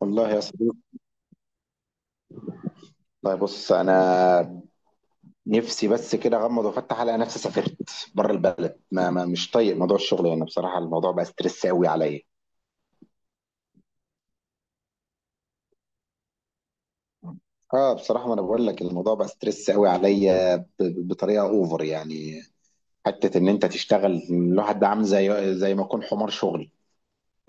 والله يا صديقي، طيب بص انا نفسي بس كده اغمض وافتح الاقي نفسي سافرت بره البلد. ما مش طايق موضوع الشغل، يعني بصراحه الموضوع بقى ستريس قوي عليا. اه، بصراحه ما انا بقول لك الموضوع بقى ستريس قوي عليا بطريقه اوفر يعني. حته ان انت تشتغل الواحد ده عامل زي ما يكون حمار شغل،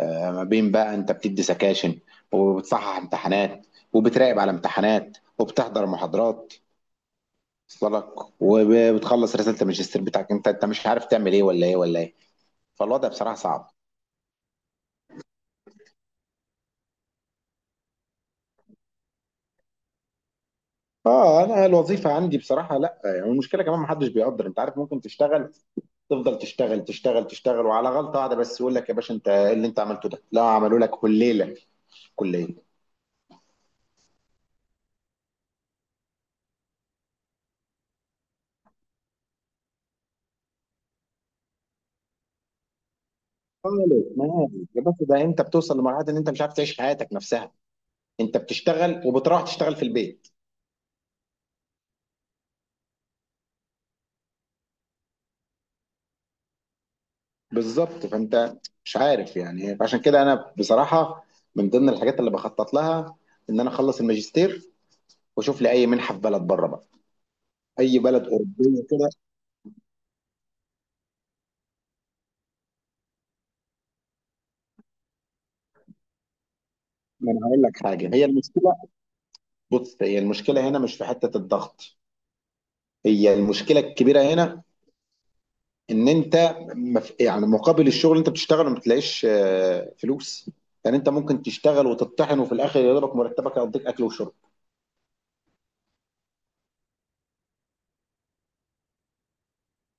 ما بين بقى انت بتدي سكاشن وبتصحح امتحانات وبتراقب على امتحانات وبتحضر محاضرات وصلك، وبتخلص رساله الماجستير بتاعك، انت مش عارف تعمل ايه ولا ايه ولا ايه، فالوضع بصراحه صعب. اه، انا الوظيفه عندي بصراحه لا، يعني المشكله كمان ما حدش بيقدر، انت عارف ممكن تشتغل تفضل تشتغل تشتغل تشتغل، وعلى غلطه واحده بس يقول لك يا باشا انت ايه اللي انت عملته ده، لا عملوا لك كليله في الكليه خالص. ما، يا باشا ده انت بتوصل لمرحله ان انت مش عارف تعيش حياتك نفسها، انت بتشتغل وبتروح تشتغل في البيت. بالظبط، فانت مش عارف يعني، عشان كده انا بصراحه من ضمن الحاجات اللي بخطط لها ان انا اخلص الماجستير واشوف لي اي منحه في بلد بره بقى، اي بلد اوروبيه كده. ما انا هقول لك حاجه، هي المشكله، بص هي المشكله هنا مش في حته الضغط، هي المشكله الكبيره هنا ان انت يعني مقابل الشغل اللي انت بتشتغله ما بتلاقيش فلوس، يعني انت ممكن تشتغل وتطحن وفي الاخر يضربك مرتبك يقضيك اكل وشرب،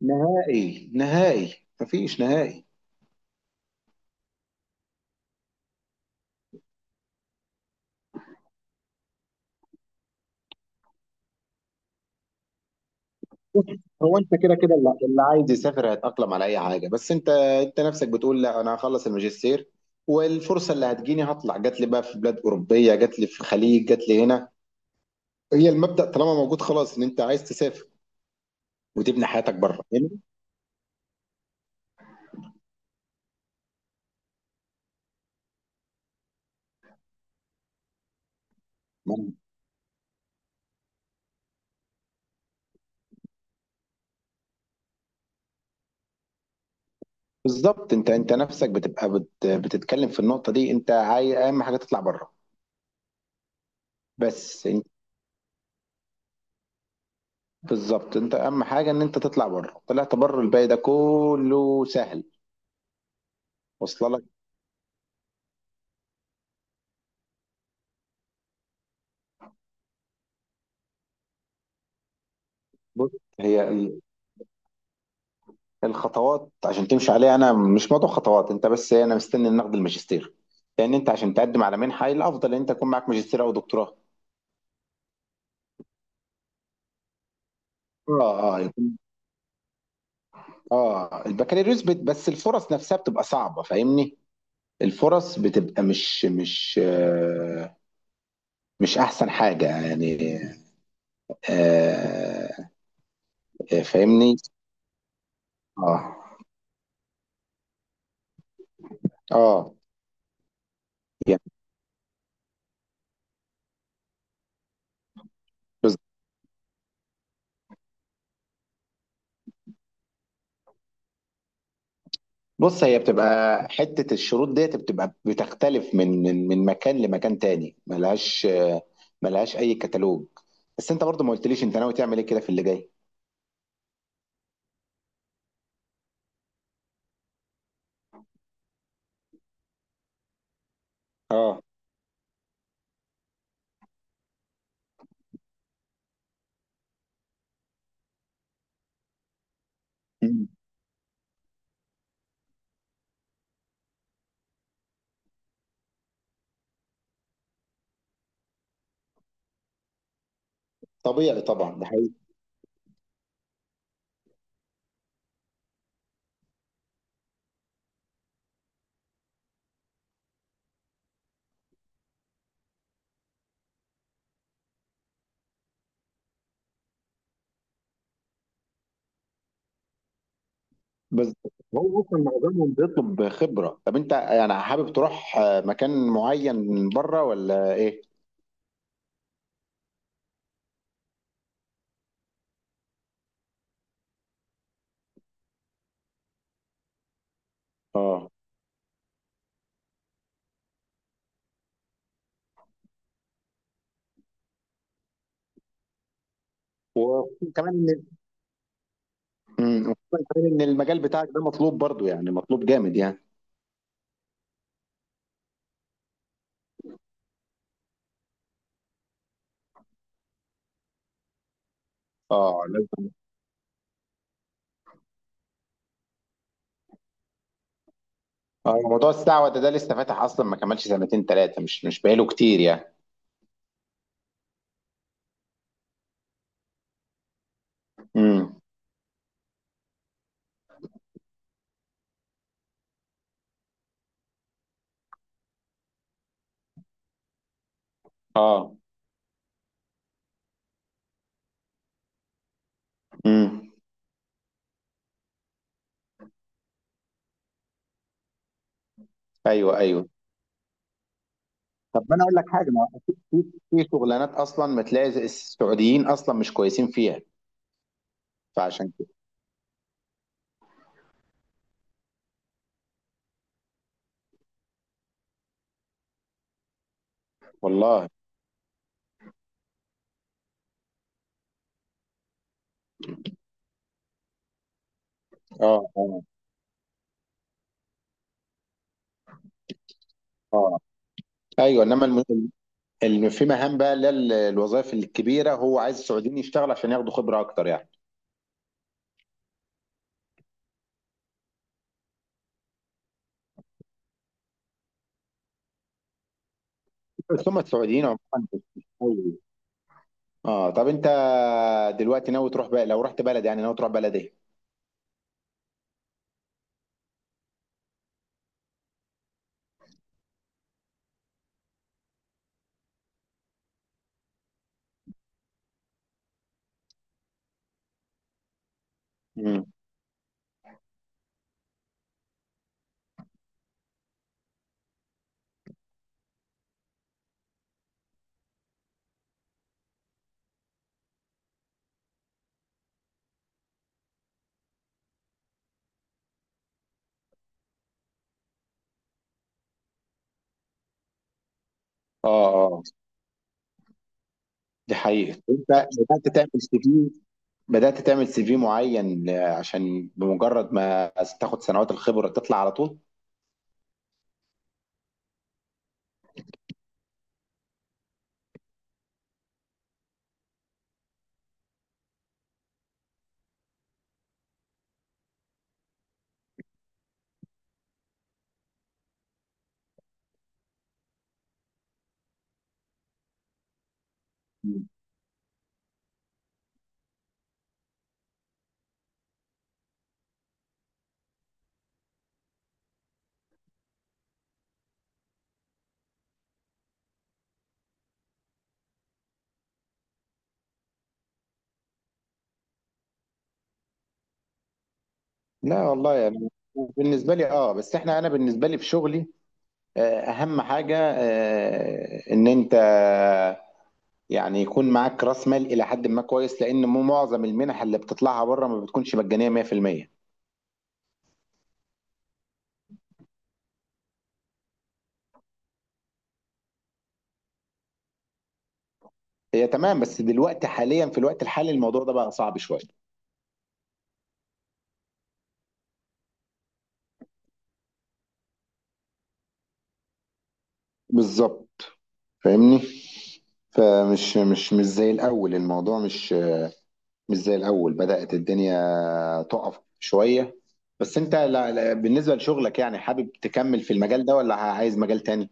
نهائي نهائي، مفيش نهائي. هو انت كده كده اللي عايز يسافر هيتاقلم على اي حاجه، بس انت نفسك بتقول لا انا هخلص الماجستير، والفرصه اللي هتجيني هطلع، جات لي بقى في بلاد اوروبيه جات لي في الخليج جات لي هنا، هي المبدأ طالما موجود خلاص ان انت عايز تسافر وتبني حياتك بره يعني. ما- بالظبط، انت نفسك بتبقى بتتكلم في النقطة دي، انت عايز اهم حاجة تطلع بره. بس انت بالظبط، انت اهم حاجة ان انت تطلع بره، طلعت بره الباقي ده كله سهل، واصله لك. بص، هي الخطوات عشان تمشي عليها، انا مش موضوع خطوات، انت بس انا مستني إن ناخد الماجستير، لان انت عشان تقدم على منحة الافضل ان انت يكون معاك ماجستير او دكتوراه. اه، اه، اه، البكالوريوس بس الفرص نفسها بتبقى صعبة، فاهمني. الفرص بتبقى مش احسن حاجة يعني. آه، آه، فاهمني. اه، اه، يعني بز- بص هي بتبقى حتة الشروط ديت بتبقى بتختلف من مكان لمكان تاني، ملهاش ملهاش اي كتالوج. بس انت برضو ما قلتليش انت ناوي تعمل ايه كده في اللي جاي. اه، مم. طبيعي طبعا ده. بس هو اصلا معظمهم بيطلب خبره، طب انت يعني حابب تروح مكان معين من بره ولا ايه؟ اه، وكمان ان مم، وخصوصاً كمان ان المجال بتاعك ده مطلوب برضو، يعني مطلوب جامد يعني. اه لازم. اه، موضوع السعوده ده لسه فاتح اصلا ما كملش سنتين ثلاثه، مش بقاله كتير يعني. امم، اه، امم. ايوه، ايوه، طب ما انا اقول لك حاجه، ما في في شغلانات اصلا ما تلاقي السعوديين اصلا مش كويسين فيها، فعشان كده. والله. اه، اه، اه، ايوه، انما في مهام بقى اللي هي الوظائف الكبيره هو عايز السعوديين يشتغل عشان ياخدوا خبره اكتر يعني. بس هم السعوديين عموما بيشتغلوا. اه، طب انت دلوقتي ناوي تروح بقى، لو رحت بلد يعني ناوي تروح بلد ايه؟ مم. اه، اه، دي حقيقة، انت بدأت تعمل سي في بدأت تعمل سي في معين عشان بمجرد ما تاخد سنوات الخبرة تطلع على طول؟ مم. لا والله يعني بالنسبة لي، اه، بس انا بالنسبة لي في شغلي اهم حاجه ان انت يعني يكون معاك راس مال الى حد ما كويس، لان مو معظم المنح اللي بتطلعها بره ما بتكونش مجانيه 100%. هي تمام، بس دلوقتي حاليا في الوقت الحالي الموضوع ده بقى صعب شويه. بالظبط، فاهمني. فمش مش مش زي الاول، الموضوع مش زي الاول، بدأت الدنيا تقف شويه. بس انت، لا لا، بالنسبه لشغلك يعني حابب تكمل في المجال ده ولا عايز مجال تاني؟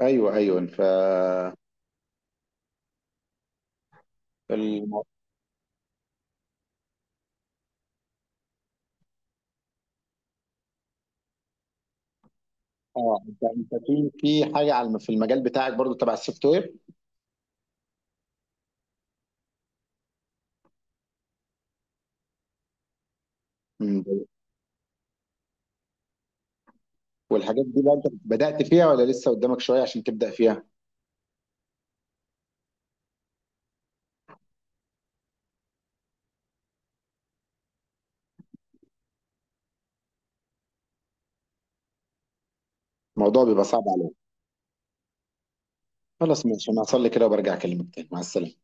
ايوه، ايوه، ف اه انت في حاجه في المجال بتاعك برضو تبع السوفت وير. مم. والحاجات دي بقى انت بدأت فيها ولا لسه قدامك شويه عشان تبدأ فيها. الموضوع بيبقى صعب عليك. خلاص ماشي، انا هصلي كده وبرجع اكلمك تاني، مع السلامه.